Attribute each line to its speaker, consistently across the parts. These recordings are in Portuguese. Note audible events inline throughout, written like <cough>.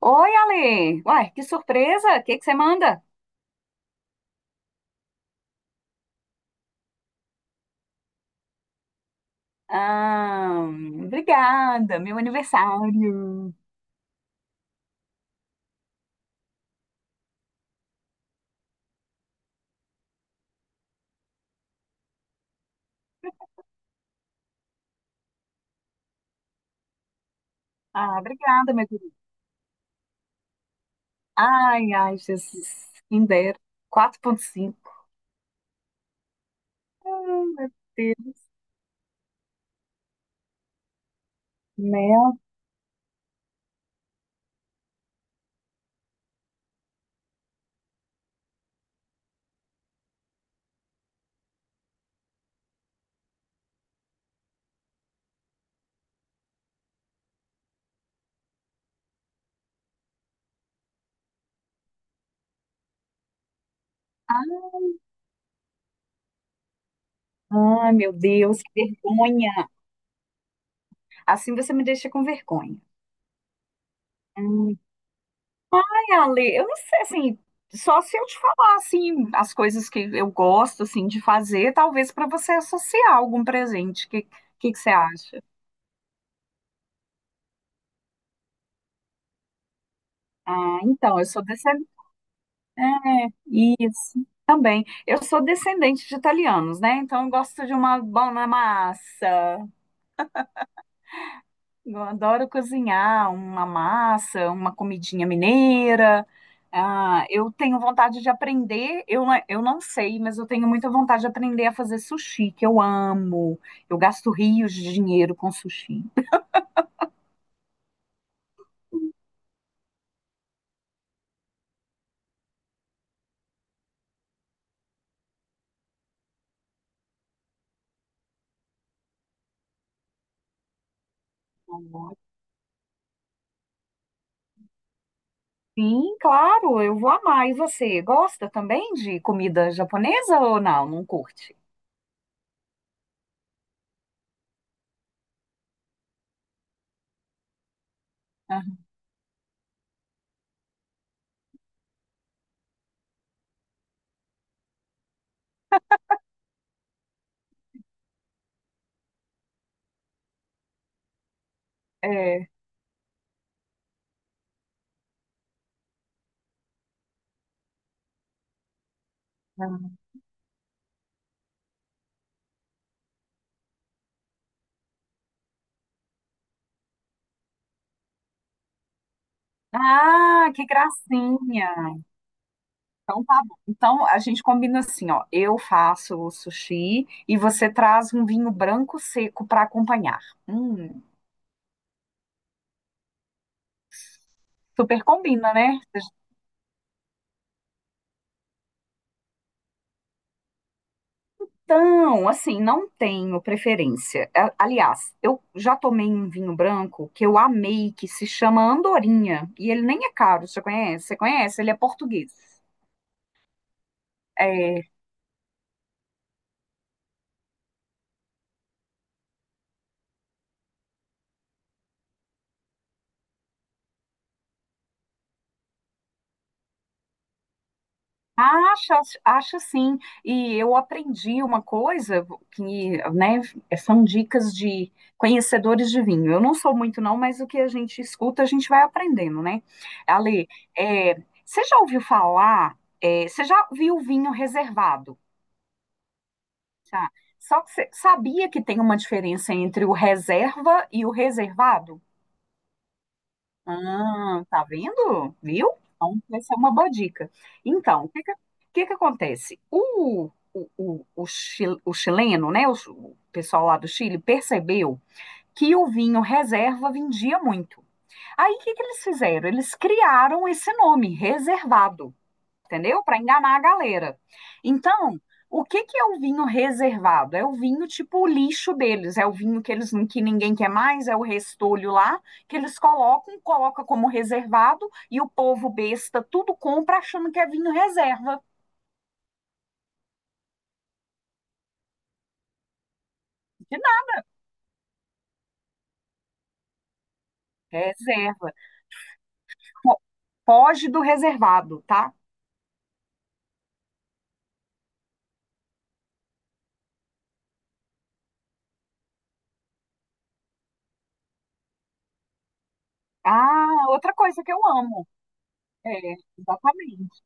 Speaker 1: Oi, Ale! Uai, que surpresa! O que que você manda? Ah, obrigada, meu aniversário! Ah, obrigada, meu querido. Ai, ai, Jesus, quem dera. 4.5. Ai, meu Deus. Né? Ai, meu Deus, que vergonha. Assim você me deixa com vergonha. Hum. Ai, Ale, eu não sei, assim, só se eu te falar, assim, as coisas que eu gosto, assim, de fazer, talvez para você associar algum presente. O que, que você acha? Ah, então, eu sou descendente. É, isso, também. Eu sou descendente de italianos, né? Então, eu gosto de uma boa massa. Eu adoro cozinhar uma massa, uma comidinha mineira. Ah, eu tenho vontade de aprender. Eu, não- é, eu não sei, mas eu tenho muita vontade de aprender a fazer sushi, que eu amo. Eu gasto rios de dinheiro com sushi. <laughs> Sim, claro, eu vou amar. E você, gosta também de comida japonesa ou não? Não curte? Aham, é, aham. Ah, que gracinha! Então tá bom. Então a gente combina assim, ó. Eu faço o sushi e você traz um vinho branco seco para acompanhar. Hum, super combina, né? Então, assim, não tenho preferência. Aliás, eu já tomei um vinho branco que eu amei, que se chama Andorinha, e ele nem é caro, você conhece? Você conhece? Ele é português. É, acho, acho sim. E eu aprendi uma coisa que, né, são dicas de conhecedores de vinho. Eu não sou muito, não, mas o que a gente escuta, a gente vai aprendendo, né? Ale, é, você já ouviu falar, é, você já viu vinho reservado, tá? Só que você sabia que tem uma diferença entre o reserva e o reservado? Ah, tá vendo? Viu? Então, vai ser uma boa dica. Então, o que que acontece? O chileno, né? O pessoal lá do Chile percebeu que o vinho reserva vendia muito. Aí, o que que eles fizeram? Eles criaram esse nome, reservado, entendeu? Para enganar a galera. Então, o que que é o vinho reservado? É o vinho tipo o lixo deles, é o vinho que eles que ninguém quer mais, é o restolho lá que eles colocam, coloca como reservado e o povo besta tudo compra achando que é vinho reserva. De nada, é reserva. Fo- Foge do reservado, tá? Ah, outra coisa que eu amo. É, exatamente.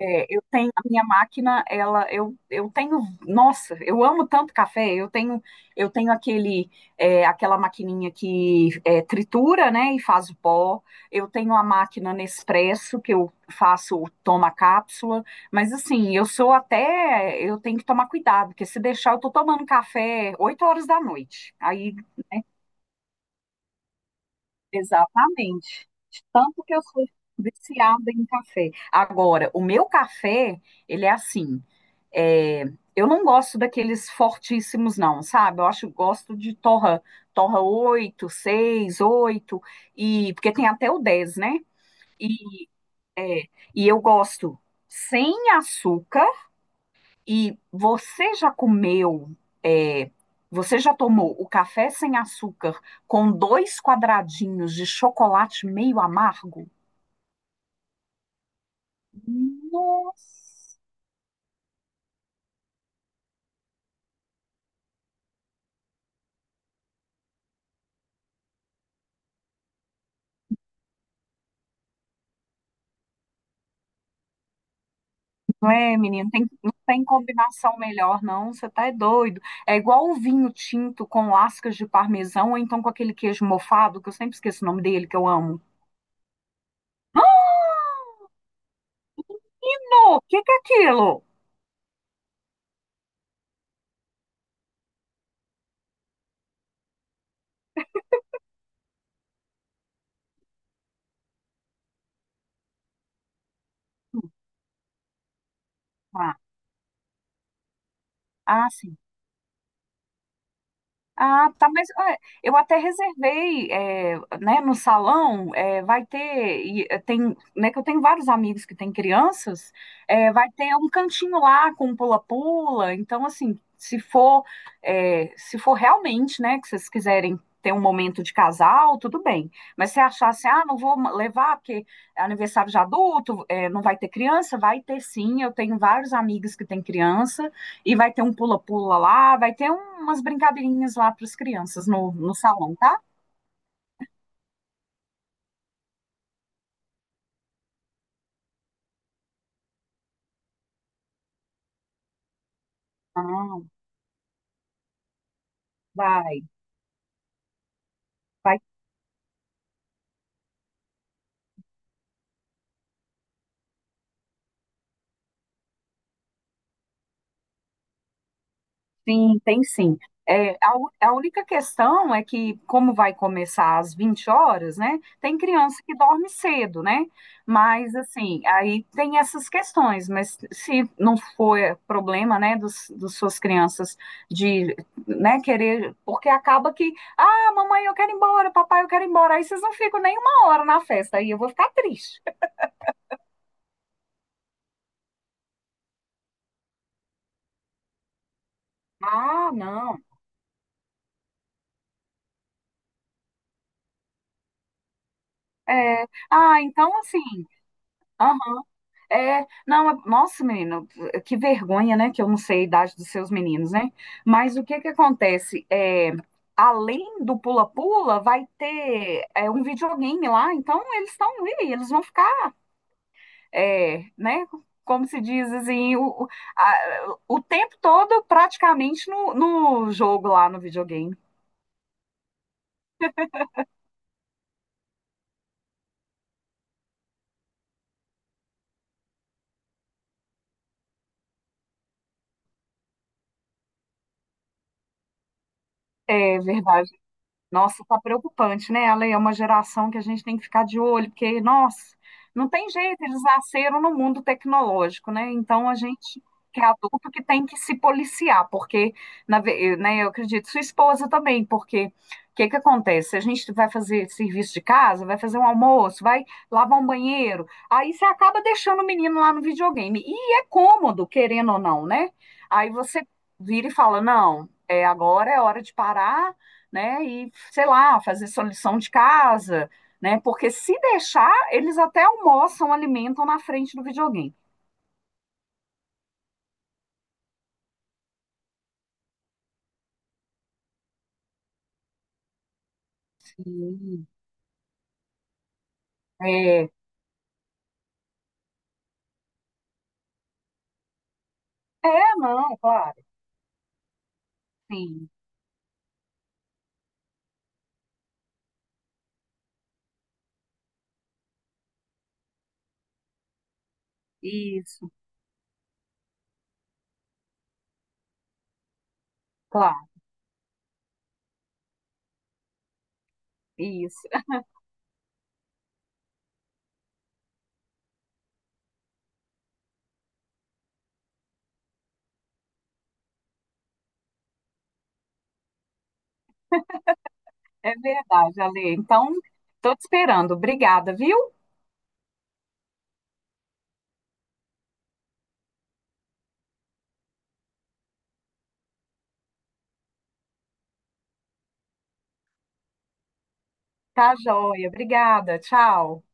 Speaker 1: É, eu tenho a minha máquina, ela, eu tenho, nossa, eu amo tanto café. Eu tenho aquele, é, aquela maquininha que é, tritura, né, e faz o pó. Eu tenho a máquina Nespresso que eu faço, o toma cápsula. Mas assim, eu sou até, eu tenho que tomar cuidado, porque se deixar, eu tô tomando café 8 horas da noite. Aí exatamente. De tanto que eu sou viciada em café. Agora, o meu café, ele é assim. É, eu não gosto daqueles fortíssimos, não, sabe? Eu acho, eu gosto de torra, torra 8 6 8 e, porque tem até o 10 né? E, é, e eu gosto sem açúcar e você já comeu, é, você já tomou o café sem açúcar com dois quadradinhos de chocolate meio amargo? Nossa, não é, menino? Não tem combinação melhor, não. Você tá é doido. É igual o vinho tinto com lascas de parmesão, ou então com aquele queijo mofado, que eu sempre esqueço o nome dele, que eu amo. Não, o que que é aquilo? Ah, ah, sim. Ah, tá, mas é, eu até reservei, é, né, no salão, é, vai ter, e, é, tem, né, que eu tenho vários amigos que têm crianças, é, vai ter um cantinho lá com um pula-pula, então, assim, se for, é, se for realmente, né, que vocês quiserem ter um momento de casal, tudo bem, mas se achar, assim, ah, não vou levar porque é aniversário de adulto, é, não vai ter criança, vai ter sim, eu tenho vários amigos que têm criança, e vai ter um pula-pula lá, vai ter umas brincadeirinhas lá para as crianças no, no salão, tá? Ah, vai. Vai sim, tem sim. É, a única questão é que, como vai começar às 20 horas, né? Tem criança que dorme cedo, né? Mas, assim, aí tem essas questões. Mas se não for problema, né, dos suas crianças de, né, querer. Porque acaba que, ah, mamãe, eu quero ir embora, papai, eu quero ir embora. Aí vocês não ficam nem 1 hora na festa, aí eu vou ficar triste. Ah, não. É, ah, então, assim. É, não, é- nossa, menino, que vergonha, né? Que eu não sei a idade dos seus meninos, né? Mas o que que acontece? É, além do pula-pula, vai ter é, um videogame lá, então eles estão ali, eles vão ficar, é, né? Como se diz assim, o tempo todo praticamente no, no jogo lá no videogame. É verdade. Nossa, tá preocupante, né, Ale? É uma geração que a gente tem que ficar de olho, porque, nossa, não tem jeito, eles nasceram no mundo tecnológico, né? Então a gente que é adulto que tem que se policiar, porque, né, eu acredito, sua esposa também, porque o que que acontece? A gente vai fazer serviço de casa, vai fazer um almoço, vai lavar um banheiro, aí você acaba deixando o menino lá no videogame. E é cômodo, querendo ou não, né? Aí você vira e fala, não, é, agora é hora de parar né? E, sei lá, fazer sua lição de casa, né? Porque se deixar, eles até almoçam, alimentam na frente do videogame. Sim. É, é, não, claro, sim, isso, claro, isso. <laughs> É verdade, Ale. Então, tô te esperando. Obrigada, viu? Tá joia, obrigada, tchau.